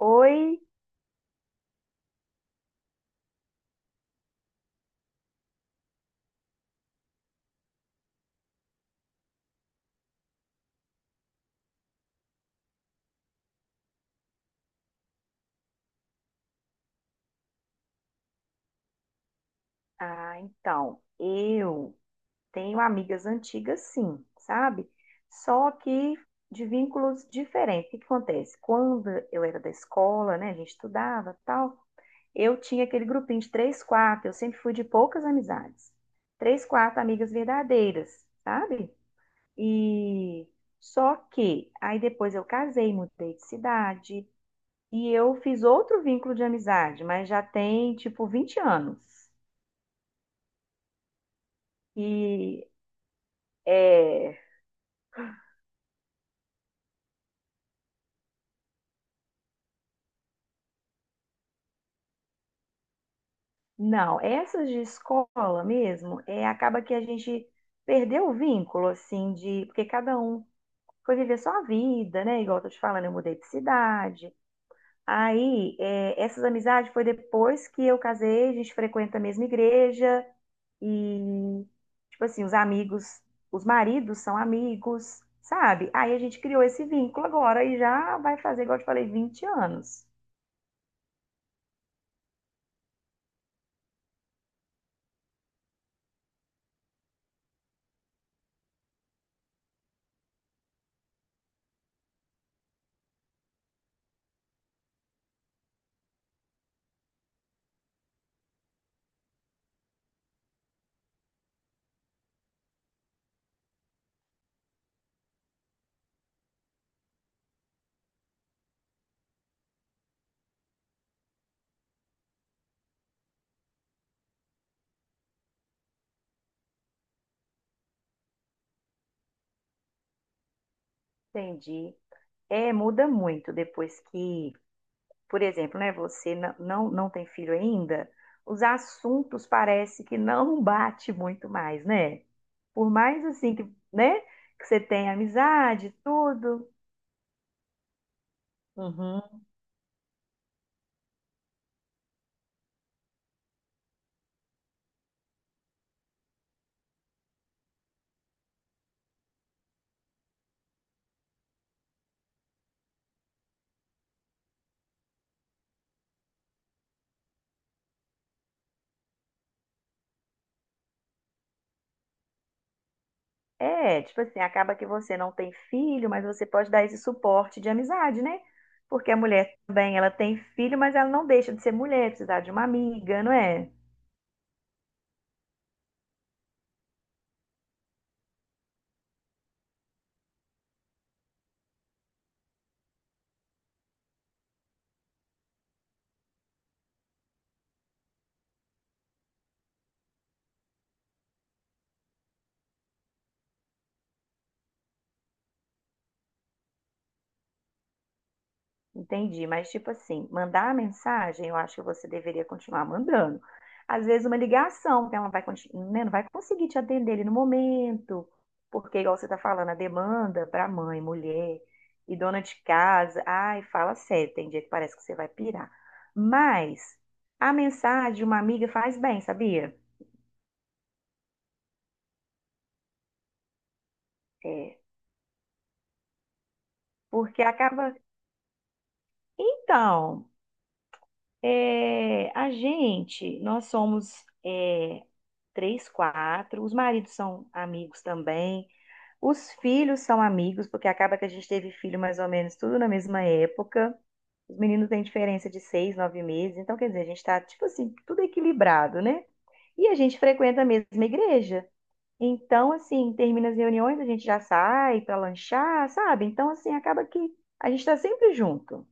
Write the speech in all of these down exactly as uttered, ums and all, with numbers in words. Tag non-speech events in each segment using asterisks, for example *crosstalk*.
Oi, ah, então, eu tenho amigas antigas, sim, sabe? Só que de vínculos diferentes. O que acontece? Quando eu era da escola, né, a gente estudava, tal, eu tinha aquele grupinho de três, quatro. Eu sempre fui de poucas amizades. Três, quatro amigas verdadeiras, sabe? E só que aí depois eu casei, mudei de cidade e eu fiz outro vínculo de amizade, mas já tem tipo vinte anos. E É, não, essas de escola mesmo, é, acaba que a gente perdeu o vínculo, assim, de, porque cada um foi viver sua vida, né? Igual eu tô te falando, eu mudei de cidade. Aí, é, essas amizades foi depois que eu casei. A gente frequenta a mesma igreja e, tipo assim, os amigos, os maridos são amigos, sabe? Aí a gente criou esse vínculo agora e já vai fazer, igual eu te falei, vinte anos. Entendi. É, muda muito depois que, por exemplo, né, você não, não, não tem filho ainda, os assuntos parece que não bate muito mais, né? Por mais assim que, né, que você tenha amizade, tudo. Uhum. É, tipo assim, acaba que você não tem filho, mas você pode dar esse suporte de amizade, né? Porque a mulher também, ela tem filho, mas ela não deixa de ser mulher, precisar de uma amiga, não é? Entendi, mas tipo assim, mandar a mensagem, eu acho que você deveria continuar mandando. Às vezes uma ligação, que ela não vai, conti- né, não vai conseguir te atender ali no momento, porque igual você está falando, a demanda para mãe, mulher e dona de casa, ai, fala sério, tem dia que parece que você vai pirar. Mas a mensagem de uma amiga faz bem, sabia? É, porque acaba. Então, É, a gente, nós somos, é, três, quatro. Os maridos são amigos também, os filhos são amigos, porque acaba que a gente teve filho mais ou menos tudo na mesma época. Os meninos têm diferença de seis, nove meses, então quer dizer, a gente tá, tipo assim, tudo equilibrado, né? E a gente frequenta a mesma igreja. Então, assim, termina as reuniões, a gente já sai para lanchar, sabe? Então, assim, acaba que a gente tá sempre junto.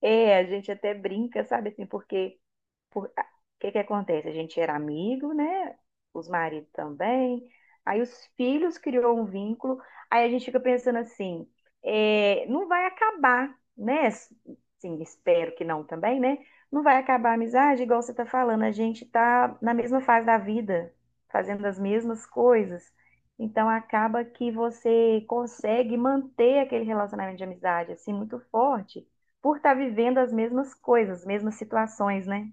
É, a gente até brinca, sabe, assim, porque Por- a- o que que acontece? A gente era amigo, né? Os maridos também. Aí os filhos criou um vínculo. Aí a gente fica pensando assim, é, não vai acabar, né? Sim, espero que não também, né? Não vai acabar a amizade, igual você tá falando. A gente tá na mesma fase da vida, fazendo as mesmas coisas. Então acaba que você consegue manter aquele relacionamento de amizade assim muito forte por estar vivendo as mesmas coisas, as mesmas situações, né?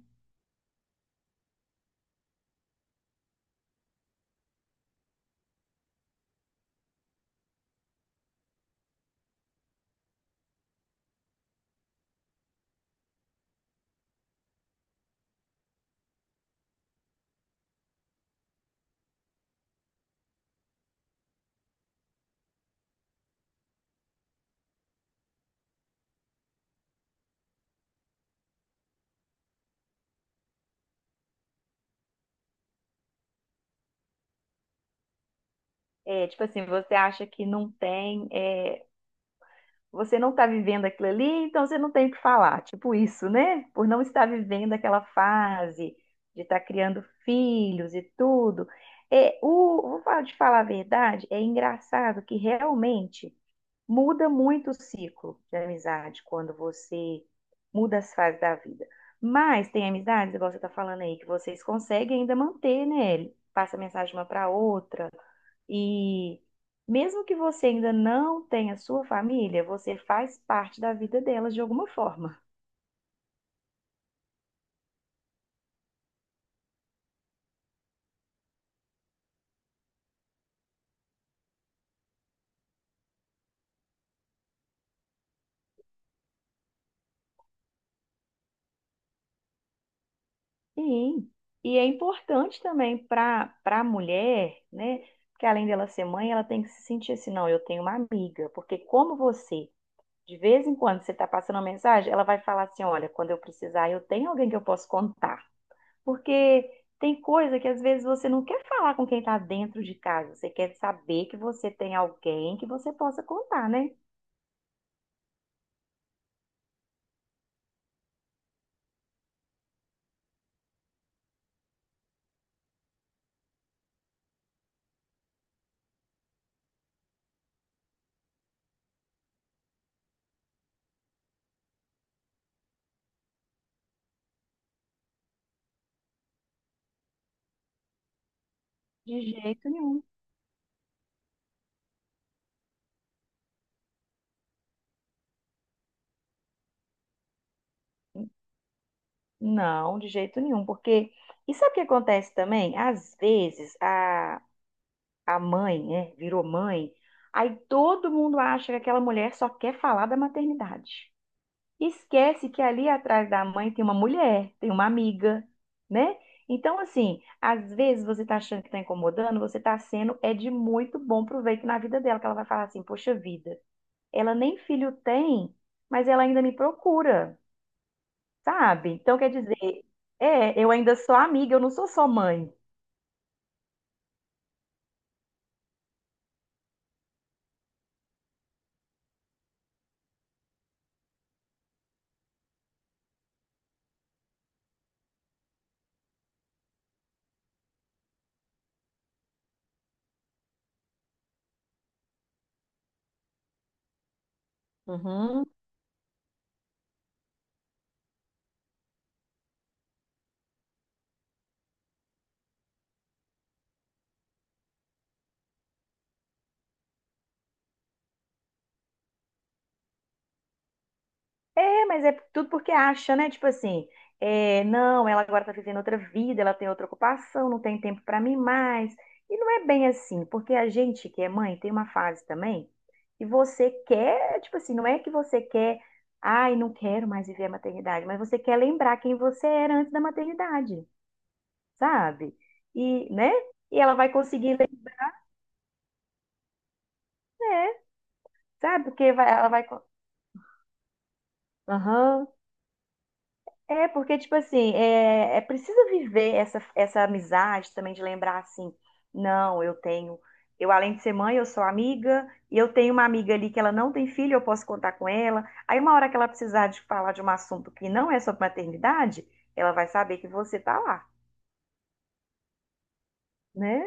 É, tipo assim, você acha que não tem, é, você não está vivendo aquilo ali, então você não tem o que falar. Tipo isso, né? Por não estar vivendo aquela fase de estar criando filhos e tudo. É, o, vou falar de Falar a verdade, é engraçado que realmente muda muito o ciclo de amizade quando você muda as fases da vida. Mas tem amizades, igual você está falando aí, que vocês conseguem ainda manter, né? Passa mensagem uma para outra. E mesmo que você ainda não tenha sua família, você faz parte da vida delas de alguma forma. Sim. E é importante também para para a mulher, né? Que além dela ser mãe, ela tem que se sentir assim: não, eu tenho uma amiga. Porque como você, de vez em quando, você está passando uma mensagem, ela vai falar assim: olha, quando eu precisar, eu tenho alguém que eu posso contar. Porque tem coisa que às vezes você não quer falar com quem está dentro de casa, você quer saber que você tem alguém que você possa contar, né? De jeito nenhum. Não, de jeito nenhum. Porque, e sabe o que acontece também? Às vezes a, a mãe, né, virou mãe, aí todo mundo acha que aquela mulher só quer falar da maternidade. Esquece que ali atrás da mãe tem uma mulher, tem uma amiga, né? Então, assim, às vezes você tá achando que tá incomodando, você tá sendo, é, de muito bom proveito na vida dela, que ela vai falar assim: poxa vida, ela nem filho tem, mas ela ainda me procura, sabe? Então, quer dizer, é, eu ainda sou amiga, eu não sou só mãe. Uhum. É, mas é tudo porque acha, né? Tipo assim, é, não, ela agora tá vivendo outra vida, ela tem outra ocupação, não tem tempo pra mim mais. E não é bem assim, porque a gente que é mãe tem uma fase também que você quer, tipo assim, não é que você quer, ai, não quero mais viver a maternidade, mas você quer lembrar quem você era antes da maternidade, sabe? E, né? E ela vai conseguir, né? Sabe? Porque vai- ela vai. co- Aham. É, porque, tipo assim, é, é preciso viver essa, essa amizade também, de lembrar assim: não, eu tenho, eu, além de ser mãe, eu sou amiga, e eu tenho uma amiga ali que ela não tem filho, eu posso contar com ela. Aí, uma hora que ela precisar de falar de um assunto que não é sobre maternidade, ela vai saber que você tá lá, né?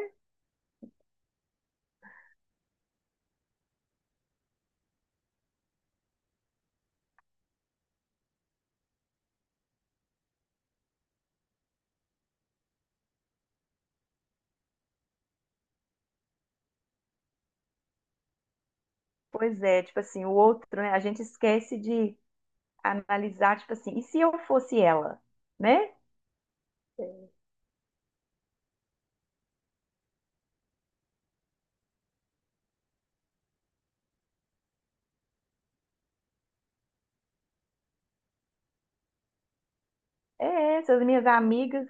Pois é, tipo assim, o outro, né? A gente esquece de analisar, tipo assim, e se eu fosse ela, né? É, essas minhas amigas,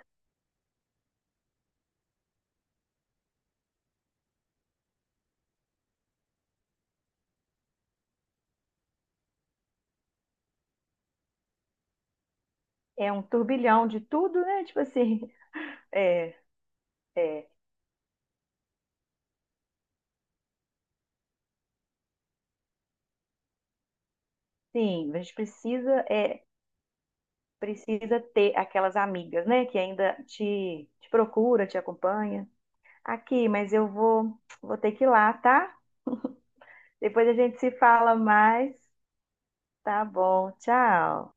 é um turbilhão de tudo, né? Tipo assim, *laughs* é. É, sim, a gente precisa é precisa ter aquelas amigas, né, que ainda te, te procura, te acompanha. Aqui, mas eu vou vou ter que ir lá, tá? Depois a gente se fala mais. Tá bom, tchau.